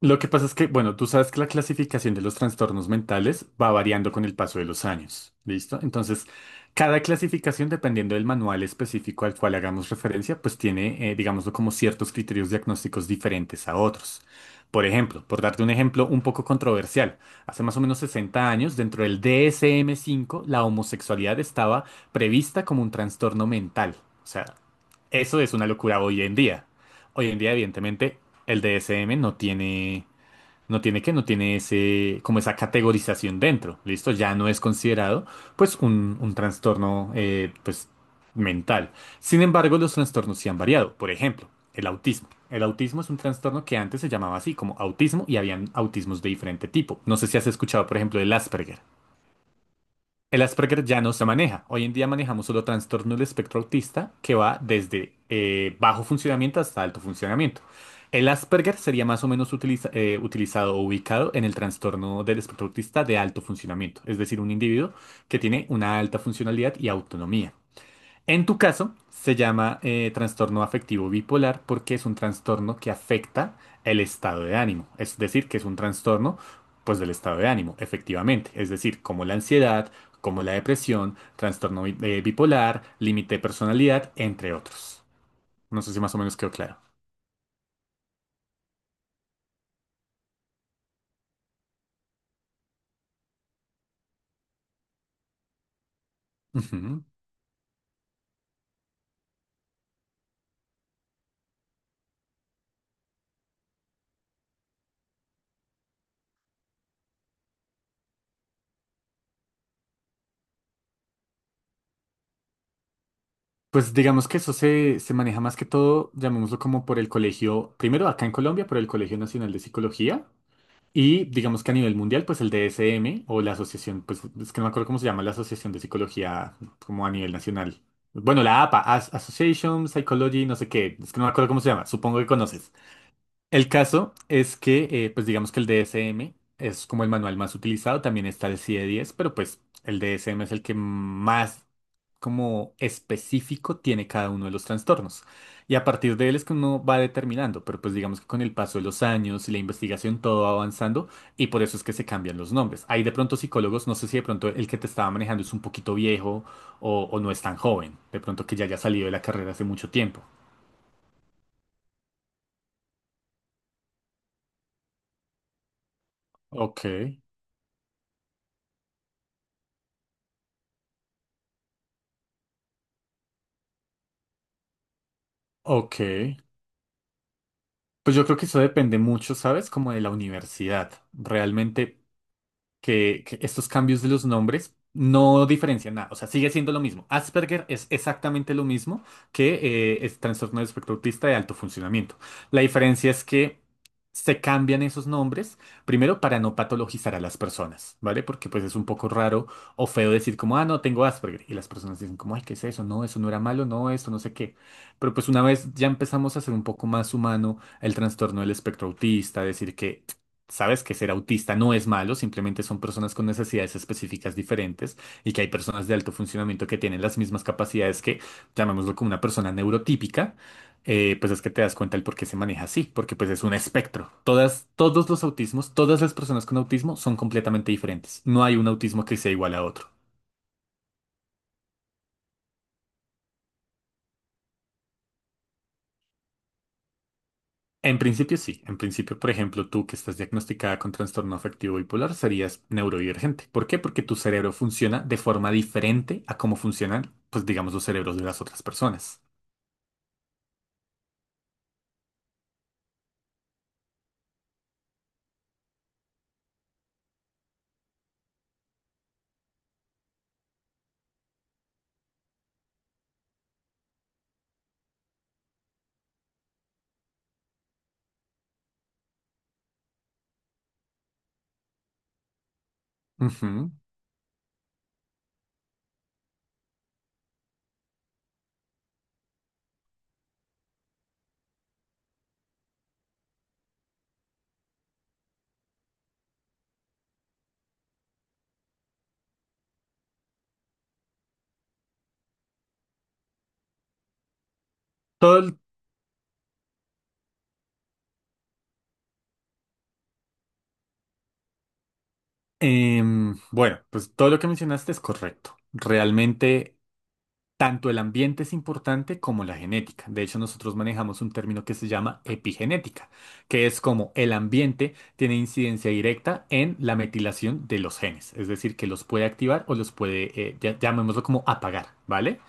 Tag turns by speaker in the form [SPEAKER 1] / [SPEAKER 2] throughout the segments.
[SPEAKER 1] Lo que pasa es que, bueno, tú sabes que la clasificación de los trastornos mentales va variando con el paso de los años, ¿listo? Entonces, cada clasificación, dependiendo del manual específico al cual hagamos referencia, pues tiene, digámoslo, como ciertos criterios diagnósticos diferentes a otros. Por ejemplo, por darte un ejemplo un poco controversial, hace más o menos 60 años, dentro del DSM-5 la homosexualidad estaba prevista como un trastorno mental. O sea, eso es una locura hoy en día. Hoy en día, evidentemente, el DSM no tiene ese, como esa categorización dentro, ¿listo? Ya no es considerado, pues, un trastorno, pues, mental. Sin embargo, los trastornos sí han variado. Por ejemplo, el autismo. El autismo es un trastorno que antes se llamaba así, como autismo, y habían autismos de diferente tipo. No sé si has escuchado, por ejemplo, del Asperger. El Asperger ya no se maneja. Hoy en día manejamos solo trastorno del espectro autista que va desde bajo funcionamiento hasta alto funcionamiento. El Asperger sería más o menos utilizado o ubicado en el trastorno del espectro autista de alto funcionamiento, es decir, un individuo que tiene una alta funcionalidad y autonomía. En tu caso, se llama trastorno afectivo bipolar porque es un trastorno que afecta el estado de ánimo. Es decir, que es un trastorno, pues, del estado de ánimo, efectivamente. Es decir, como la ansiedad, como la depresión, trastorno bipolar, límite de personalidad, entre otros. No sé si más o menos quedó claro. Ujú. Pues digamos que eso se maneja más que todo, llamémoslo como por el colegio, primero acá en Colombia, por el Colegio Nacional de Psicología. Y digamos que a nivel mundial, pues el DSM o la asociación, pues es que no me acuerdo cómo se llama la Asociación de Psicología como a nivel nacional. Bueno, la APA, Association Psychology, no sé qué, es que no me acuerdo cómo se llama, supongo que conoces. El caso es que, pues digamos que el DSM es como el manual más utilizado, también está el CIE-10, pero pues el DSM es el que más como específico tiene cada uno de los trastornos. Y a partir de él es que uno va determinando, pero pues digamos que con el paso de los años y la investigación todo va avanzando y por eso es que se cambian los nombres. Hay de pronto psicólogos, no sé si de pronto el que te estaba manejando es un poquito viejo o no es tan joven, de pronto que ya haya salido de la carrera hace mucho tiempo. Ok, ok. Pues yo creo que eso depende mucho, ¿sabes? Como de la universidad. Realmente, que estos cambios de los nombres no diferencian nada. O sea, sigue siendo lo mismo. Asperger es exactamente lo mismo que es trastorno del espectro autista de alto funcionamiento. La diferencia es que se cambian esos nombres, primero para no patologizar a las personas, ¿vale? Porque pues es un poco raro o feo decir como, ah, no, tengo Asperger. Y las personas dicen como, ay, ¿qué es eso? No, eso no era malo, no, esto no sé qué. Pero pues una vez ya empezamos a hacer un poco más humano el trastorno del espectro autista, decir que sabes que ser autista no es malo, simplemente son personas con necesidades específicas diferentes y que hay personas de alto funcionamiento que tienen las mismas capacidades que, llamémoslo como una persona neurotípica, pues es que te das cuenta el por qué se maneja así, porque pues es un espectro. Todos los autismos, todas las personas con autismo son completamente diferentes. No hay un autismo que sea igual a otro. En principio sí. En principio, por ejemplo, tú que estás diagnosticada con trastorno afectivo bipolar serías neurodivergente. ¿Por qué? Porque tu cerebro funciona de forma diferente a cómo funcionan, pues digamos, los cerebros de las otras personas. Ujú. Todo el- bueno, pues todo lo que mencionaste es correcto. Realmente, tanto el ambiente es importante como la genética. De hecho, nosotros manejamos un término que se llama epigenética, que es como el ambiente tiene incidencia directa en la metilación de los genes, es decir, que los puede activar o los puede, llamémoslo como apagar, ¿vale?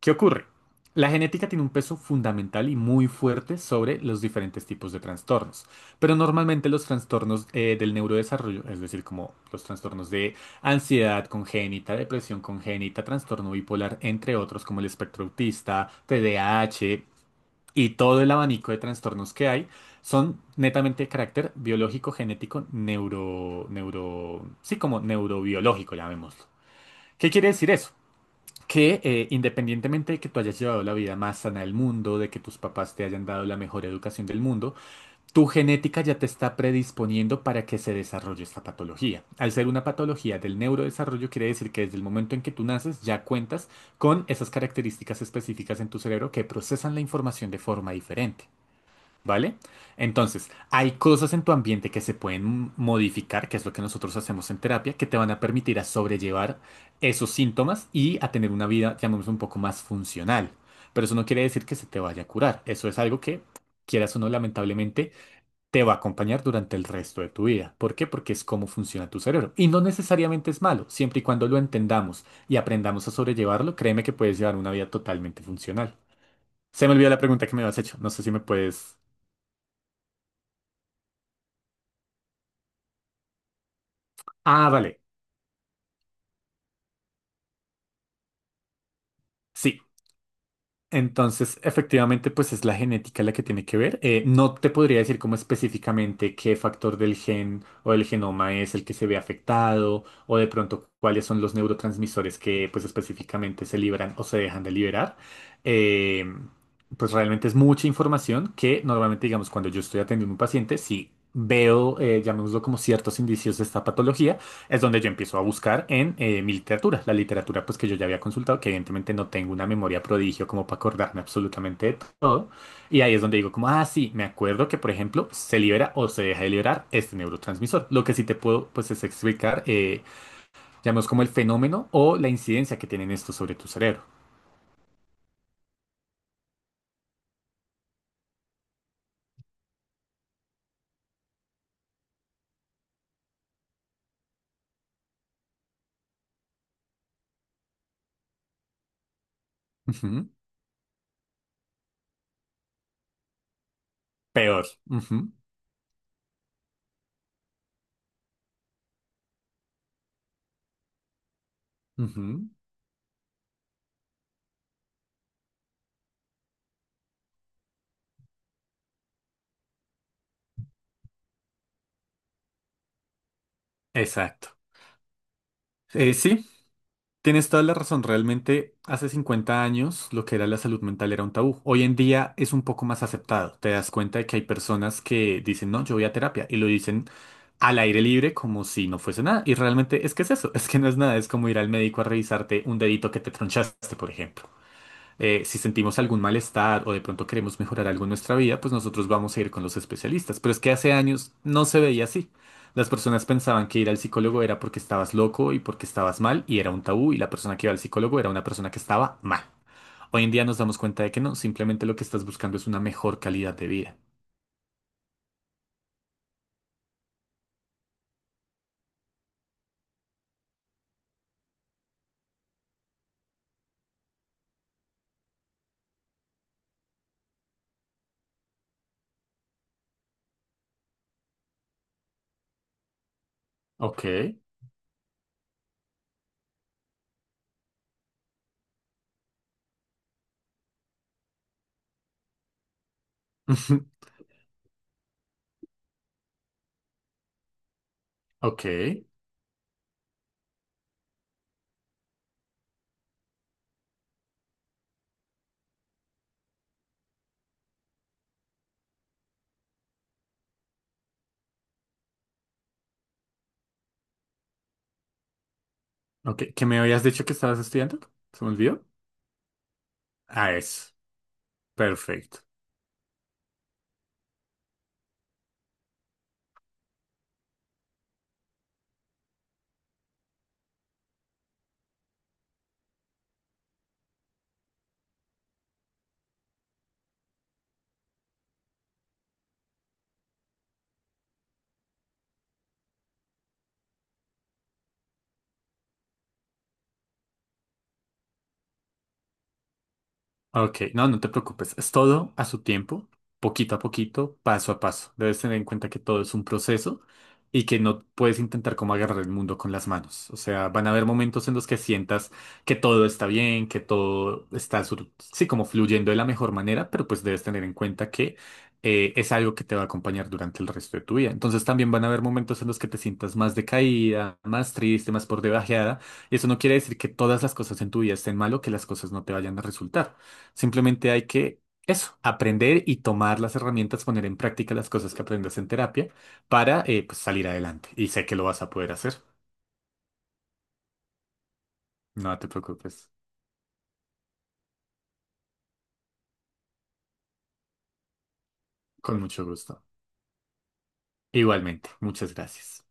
[SPEAKER 1] ¿Qué ocurre? La genética tiene un peso fundamental y muy fuerte sobre los diferentes tipos de trastornos, pero normalmente los trastornos del neurodesarrollo, es decir, como los trastornos de ansiedad congénita, depresión congénita, trastorno bipolar, entre otros como el espectro autista, TDAH y todo el abanico de trastornos que hay, son netamente de carácter biológico, genético, sí, como neurobiológico, llamémoslo. ¿Qué quiere decir eso? Que independientemente de que tú hayas llevado la vida más sana del mundo, de que tus papás te hayan dado la mejor educación del mundo, tu genética ya te está predisponiendo para que se desarrolle esta patología. Al ser una patología del neurodesarrollo, quiere decir que desde el momento en que tú naces ya cuentas con esas características específicas en tu cerebro que procesan la información de forma diferente. ¿Vale? Entonces, hay cosas en tu ambiente que se pueden modificar, que es lo que nosotros hacemos en terapia, que te van a permitir a sobrellevar esos síntomas y a tener una vida, llamemos, un poco más funcional. Pero eso no quiere decir que se te vaya a curar. Eso es algo que, quieras o no, lamentablemente, te va a acompañar durante el resto de tu vida. ¿Por qué? Porque es cómo funciona tu cerebro. Y no necesariamente es malo. Siempre y cuando lo entendamos y aprendamos a sobrellevarlo, créeme que puedes llevar una vida totalmente funcional. Se me olvidó la pregunta que me habías hecho. No sé si me puedes... Ah, vale. Sí, entonces efectivamente pues es la genética la que tiene que ver. No te podría decir como específicamente qué factor del gen o del genoma es el que se ve afectado o de pronto cuáles son los neurotransmisores que pues específicamente se liberan o se dejan de liberar. Eh, pues realmente es mucha información que normalmente digamos cuando yo estoy atendiendo a un paciente, si veo, llamémoslo como ciertos indicios de esta patología, es donde yo empiezo a buscar en mi literatura, la literatura pues que yo ya había consultado, que evidentemente no tengo una memoria prodigio como para acordarme absolutamente de todo. Y ahí es donde digo como, ah, sí, me acuerdo que por ejemplo se libera o se deja de liberar este neurotransmisor. Lo que sí te puedo pues es explicar, llamemos como el fenómeno o la incidencia que tienen estos sobre tu cerebro. Ujú. Peor. Ujú. Ujú. Exacto. Sí, tienes toda la razón, realmente hace 50 años lo que era la salud mental era un tabú. Hoy en día es un poco más aceptado. Te das cuenta de que hay personas que dicen, no, yo voy a terapia y lo dicen al aire libre como si no fuese nada. Y realmente es que es eso, es que no es nada, es como ir al médico a revisarte un dedito que te tronchaste, por ejemplo. Si sentimos algún malestar o de pronto queremos mejorar algo en nuestra vida, pues nosotros vamos a ir con los especialistas. Pero es que hace años no se veía así. Las personas pensaban que ir al psicólogo era porque estabas loco y porque estabas mal y era un tabú y la persona que iba al psicólogo era una persona que estaba mal. Hoy en día nos damos cuenta de que no, simplemente lo que estás buscando es una mejor calidad de vida. Ok, ok, ok. ¿Qué me habías dicho que estabas estudiando? ¿Se me olvidó? Ah, eso. Perfecto. Ok, no, no te preocupes. Es todo a su tiempo, poquito a poquito, paso a paso. Debes tener en cuenta que todo es un proceso y que no puedes intentar como agarrar el mundo con las manos. O sea, van a haber momentos en los que sientas que todo está bien, que todo está, sí, como fluyendo de la mejor manera, pero pues debes tener en cuenta que es algo que te va a acompañar durante el resto de tu vida. Entonces también van a haber momentos en los que te sientas más decaída, más triste, más por debajeada. Y eso no quiere decir que todas las cosas en tu vida estén mal o que las cosas no te vayan a resultar. Simplemente hay que eso, aprender y tomar las herramientas, poner en práctica las cosas que aprendas en terapia para pues salir adelante. Y sé que lo vas a poder hacer. No te preocupes. Con mucho gusto. Igualmente. Muchas gracias.